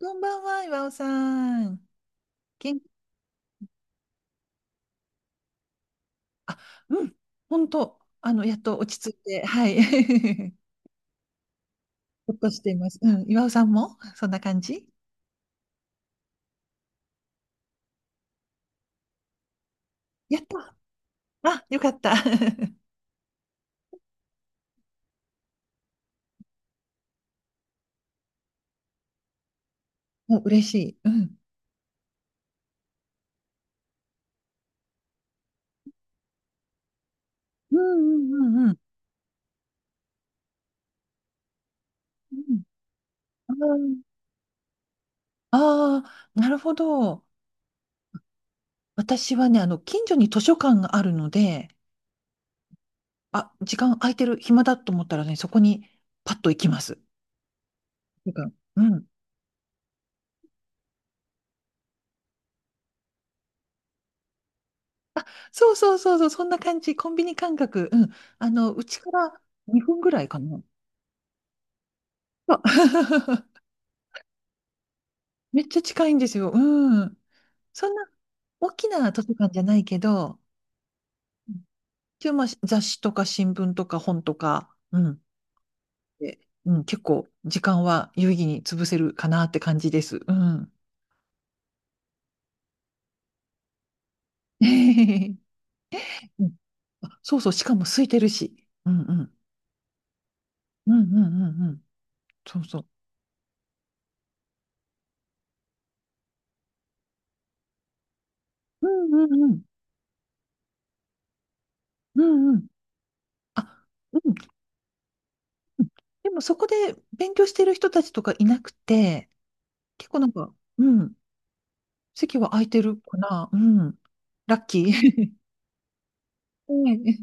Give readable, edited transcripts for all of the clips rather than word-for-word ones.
こんばんは、岩尾さん。元気、あ、うん、本当、やっと落ち着いて、はい。ほっとしています。うん、岩尾さんもそんな感じ？やった。あ、よかった。もう嬉しい。うん。うんうんうんうん。うん。ああー、なるほど。私はね、近所に図書館があるので、あ、時間空いてる、暇だと思ったらね、そこにパッと行きます。図書館、うん。そうそうそうそう、そんな感じ。コンビニ感覚。うん。うちから2分ぐらいかな。あ めっちゃ近いんですよ。うん。そんな大きな図書館じゃないけど、一応まあ雑誌とか新聞とか本とか、うん。で、うん、結構時間は有意義に潰せるかなって感じです。うん。うん。あ、そうそう、しかも空いてるし。うんうん。うんうんうんうん。そうそう。うんうんうん。うんうん。あ、うん。でもそこで勉強してる人たちとかいなくて、結構なんか、うん、席は空いてるかな。うん。ラッキー。ええ、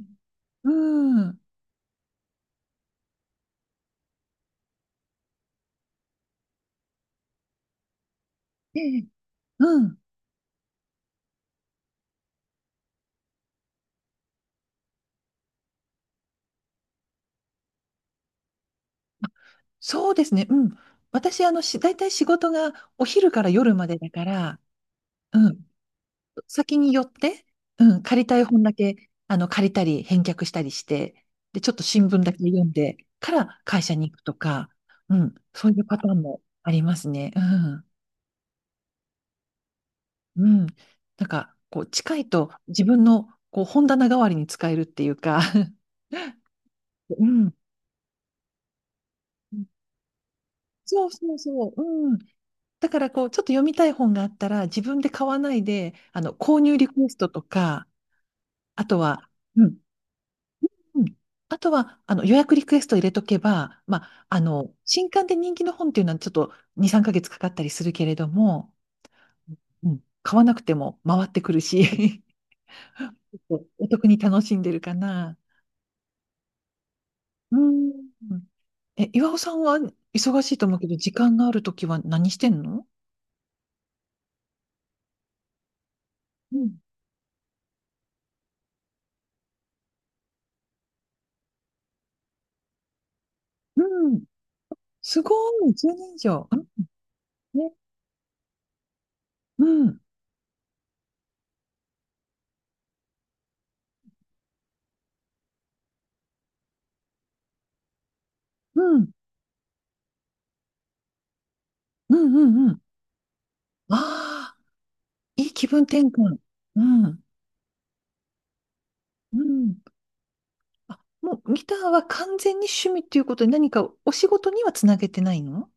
うん。ええ、うん。そうですね。うん。私、大体仕事がお昼から夜までだから、うん。先に寄って、うん。借りたい本だけ、借りたり、返却したりして、で、ちょっと新聞だけ読んでから会社に行くとか、うん。そういうパターンもありますね。うん。うん。なんか、こう、近いと自分の、こう、本棚代わりに使えるっていうか うん。そうそうそう。うん。だから、こう、ちょっと読みたい本があったら、自分で買わないで、購入リクエストとか、あとは、うん。うん。あとは、予約リクエスト入れとけば、まあ、新刊で人気の本っていうのはちょっと2、3ヶ月かかったりするけれども、うん。買わなくても回ってくるし お得に楽しんでるかな。うん。え、岩尾さんは忙しいと思うけど、時間があるときは何してんの？うん、うん。すごい、10年以上。うん。ね、うん、うん、うん、うん、うん。ああ、いい気分転換。うん、うん。あ、もうギターは完全に趣味っていうことで何かお仕事にはつなげてないの？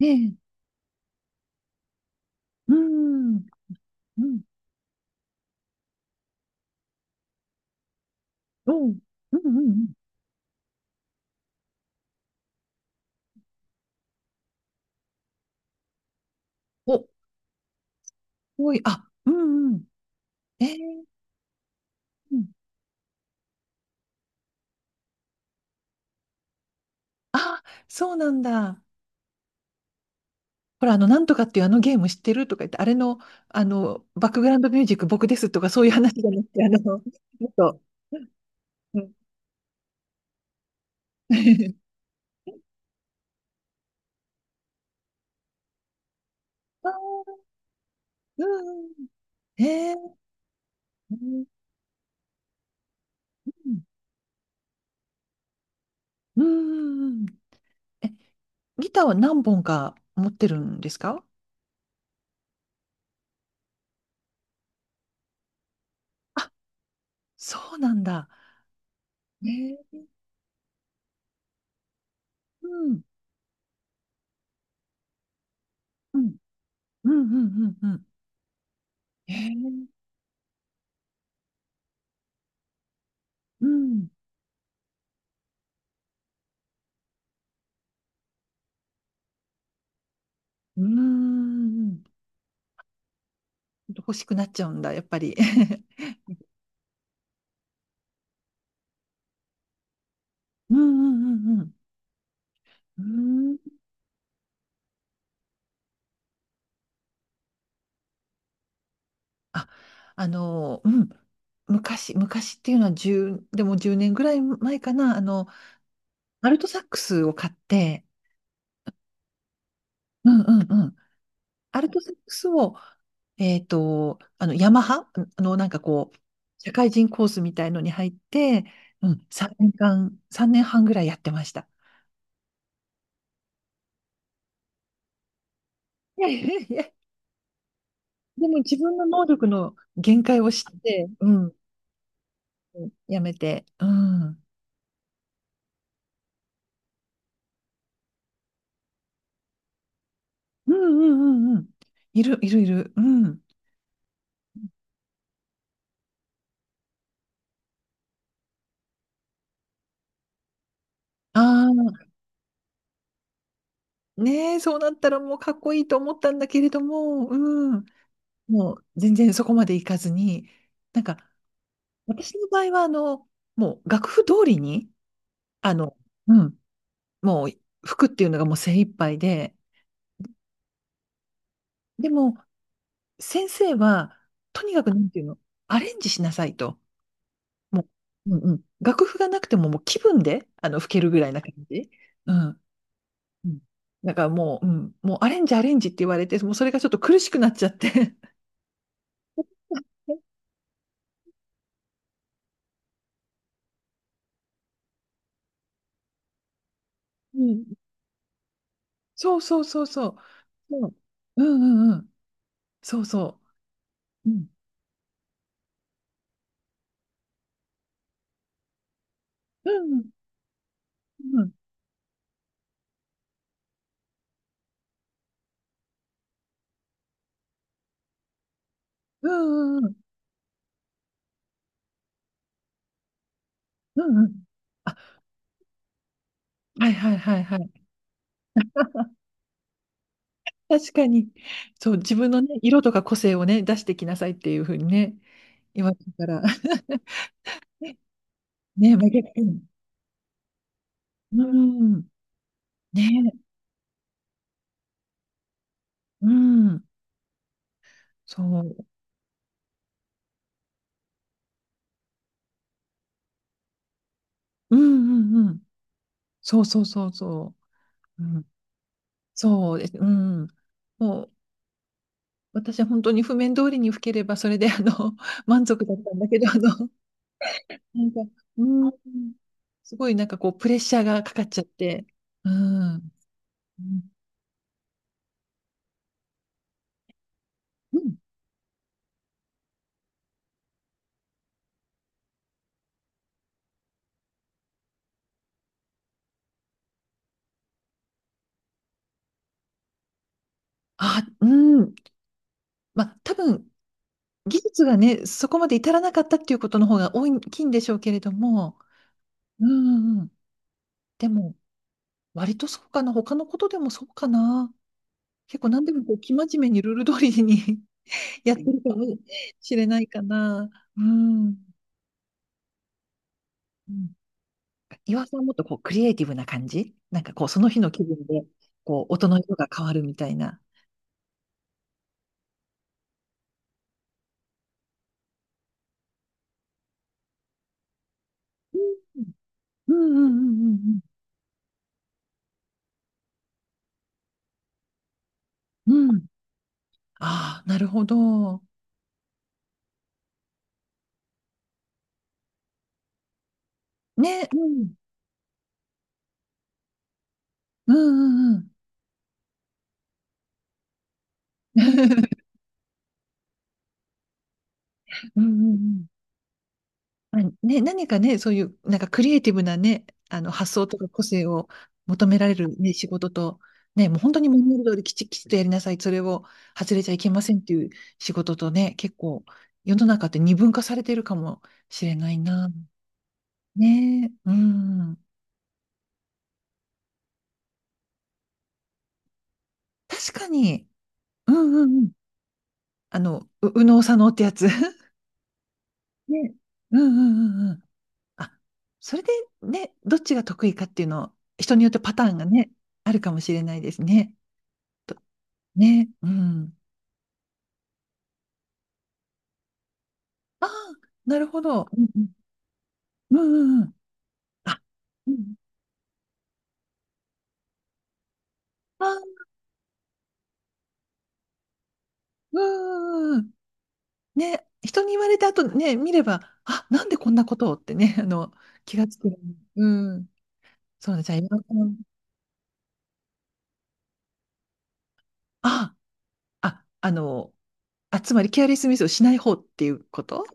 ええ、うん、うん、うん、うん、うん。うん。お、すごい、あ、うん、うん。ええ、そうなんだ。ほら、なんとかっていうあのゲーム知ってるとか言って、あれの、バックグラウンドミュージック僕ですとか、そういう話じゃなくて、もっと、うん。あー、うん。えー、うん。うん。え、ギターは何本か持ってるんですか？あ、そうなんだ。えー、うん。うん。うん。うん。うん。えー、うん。うん。欲しくなっちゃうんだ、やっぱり。うん。うん。うん。うん。うん。あ、うん、昔、昔っていうのは10、でも1年ぐらい前かな、アルトサックスを買って、うんうんうん、アルトサックスを、ヤマハ、なんかこう、社会人コースみたいのに入って、うん、3年間、3年半ぐらいやってました。いやいやいや、でも自分の能力の限界を知って、うん、やめて、うん、うんうんうんうん、いるいるいる、うん。ああ、ねえ、そうなったらもうかっこいいと思ったんだけれども、うん、もう全然そこまでいかずに、なんか私の場合はもう楽譜通りに、あの、うん、もう服っていうのがもう精一杯で、でも先生はとにかくなんていうの、アレンジしなさいと。もう、うんうん、楽譜がなくてももう気分で吹けるぐらいな感じ。うん。うん。だからもう、うん、もうアレンジアレンジって言われて、もうそれがちょっと苦しくなっちゃって。うん。そうそうそうそう。そう。うんうんうん。そうそう。うん。うんうんうんうんうんうんうん。あ、はいはいはいはい。確かに。そう、自分のね、色とか個性をね、出してきなさいっていうふうにね、言われるから。ね、真逆。うん。ね、うん。そう。うんうんうん。そうそうそうそう。うん。そうです。うん。もう、私は本当に譜面通りに吹ければ、それで満足だったんだけど、なんか、うん。すごいなんかこう、プレッシャーがかかっちゃって。うん。うん。うん。あ、うん。まあ、多分、技術がね、そこまで至らなかったっていうことの方が多い大きいんでしょうけれども。うんうんうん。でも、割とそうかな。他のことでもそうかな。結構何でもこう、生真面目にルール通りに やってるかもしれないかな。うん。うん。岩さんはもっとこう、クリエイティブな感じなんかこう、その日の気分で、こう、音の色が変わるみたいな。うんうんうんうんうんうん。ああ、なるほど。ね、うん。うんうんうん。うんうんうん。まあ、ね、何かね、そういう、なんかクリエイティブなね、発想とか個性を求められるね、仕事と、ね、もう本当にマニュアル通りきちっきちっとやりなさい、それを外れちゃいけませんっていう仕事とね、結構、世の中って二分化されてるかもしれないな。ね、うん。確かに、うんうんうん。う右脳左脳ってやつ。ね。うんうんうんうん。あ、それでね、どっちが得意かっていうの、人によってパターンがね、あるかもしれないですね。と、ね、うん。ああ、なるほど。うんうん。うんうんうん。あ、うん。あ、うんうんうん。ね、人に言われた後ね、見れば、あ、なんでこんなことをってね、気がつく。うん。そうね、じゃあ、今。ああ、あ、あ、つまりケアレスミスをしない方っていうこと？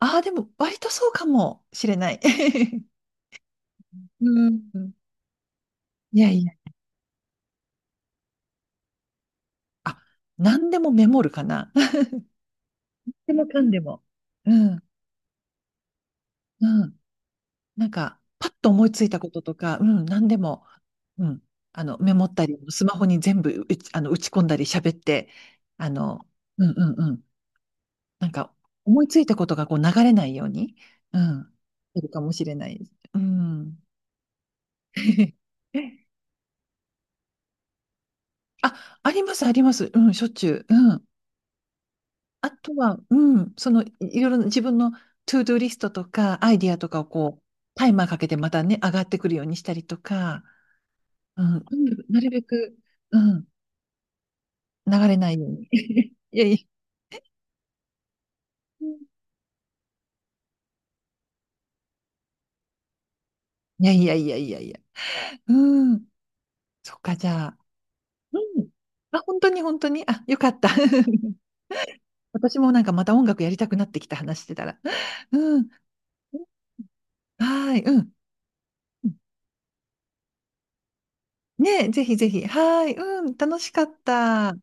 ああ、でも割とそうかもしれない。うん。いやいや。あ、何でもメモるかな。何でもかんでも。うん。うん。なんか、パッと思いついたこととか、うん、何でも、うん。メモったり、スマホに全部うち、あの、打ち込んだり喋って、あの、うんうんうん。なんか、思いついたことがこう流れないように、うん。いるかもしれないです。うん。あ、あります、あります。うん、しょっちゅう。うん。あとは、うん、その、いいろいろ自分のトゥードゥリストとか、アイディアとかをこう、タイマーかけてまたね、上がってくるようにしたりとか、うん、とにかくなるべく、うん、流れないように。いやいや、いやいやいやいやいや。うん、そっか、じゃあ、うん。あ、本当に本当に、あ、よかった。私もなんかまた音楽やりたくなってきた話してたら。うん。はい、うん。ねえ、ぜひぜひ。はい、うん、楽しかった。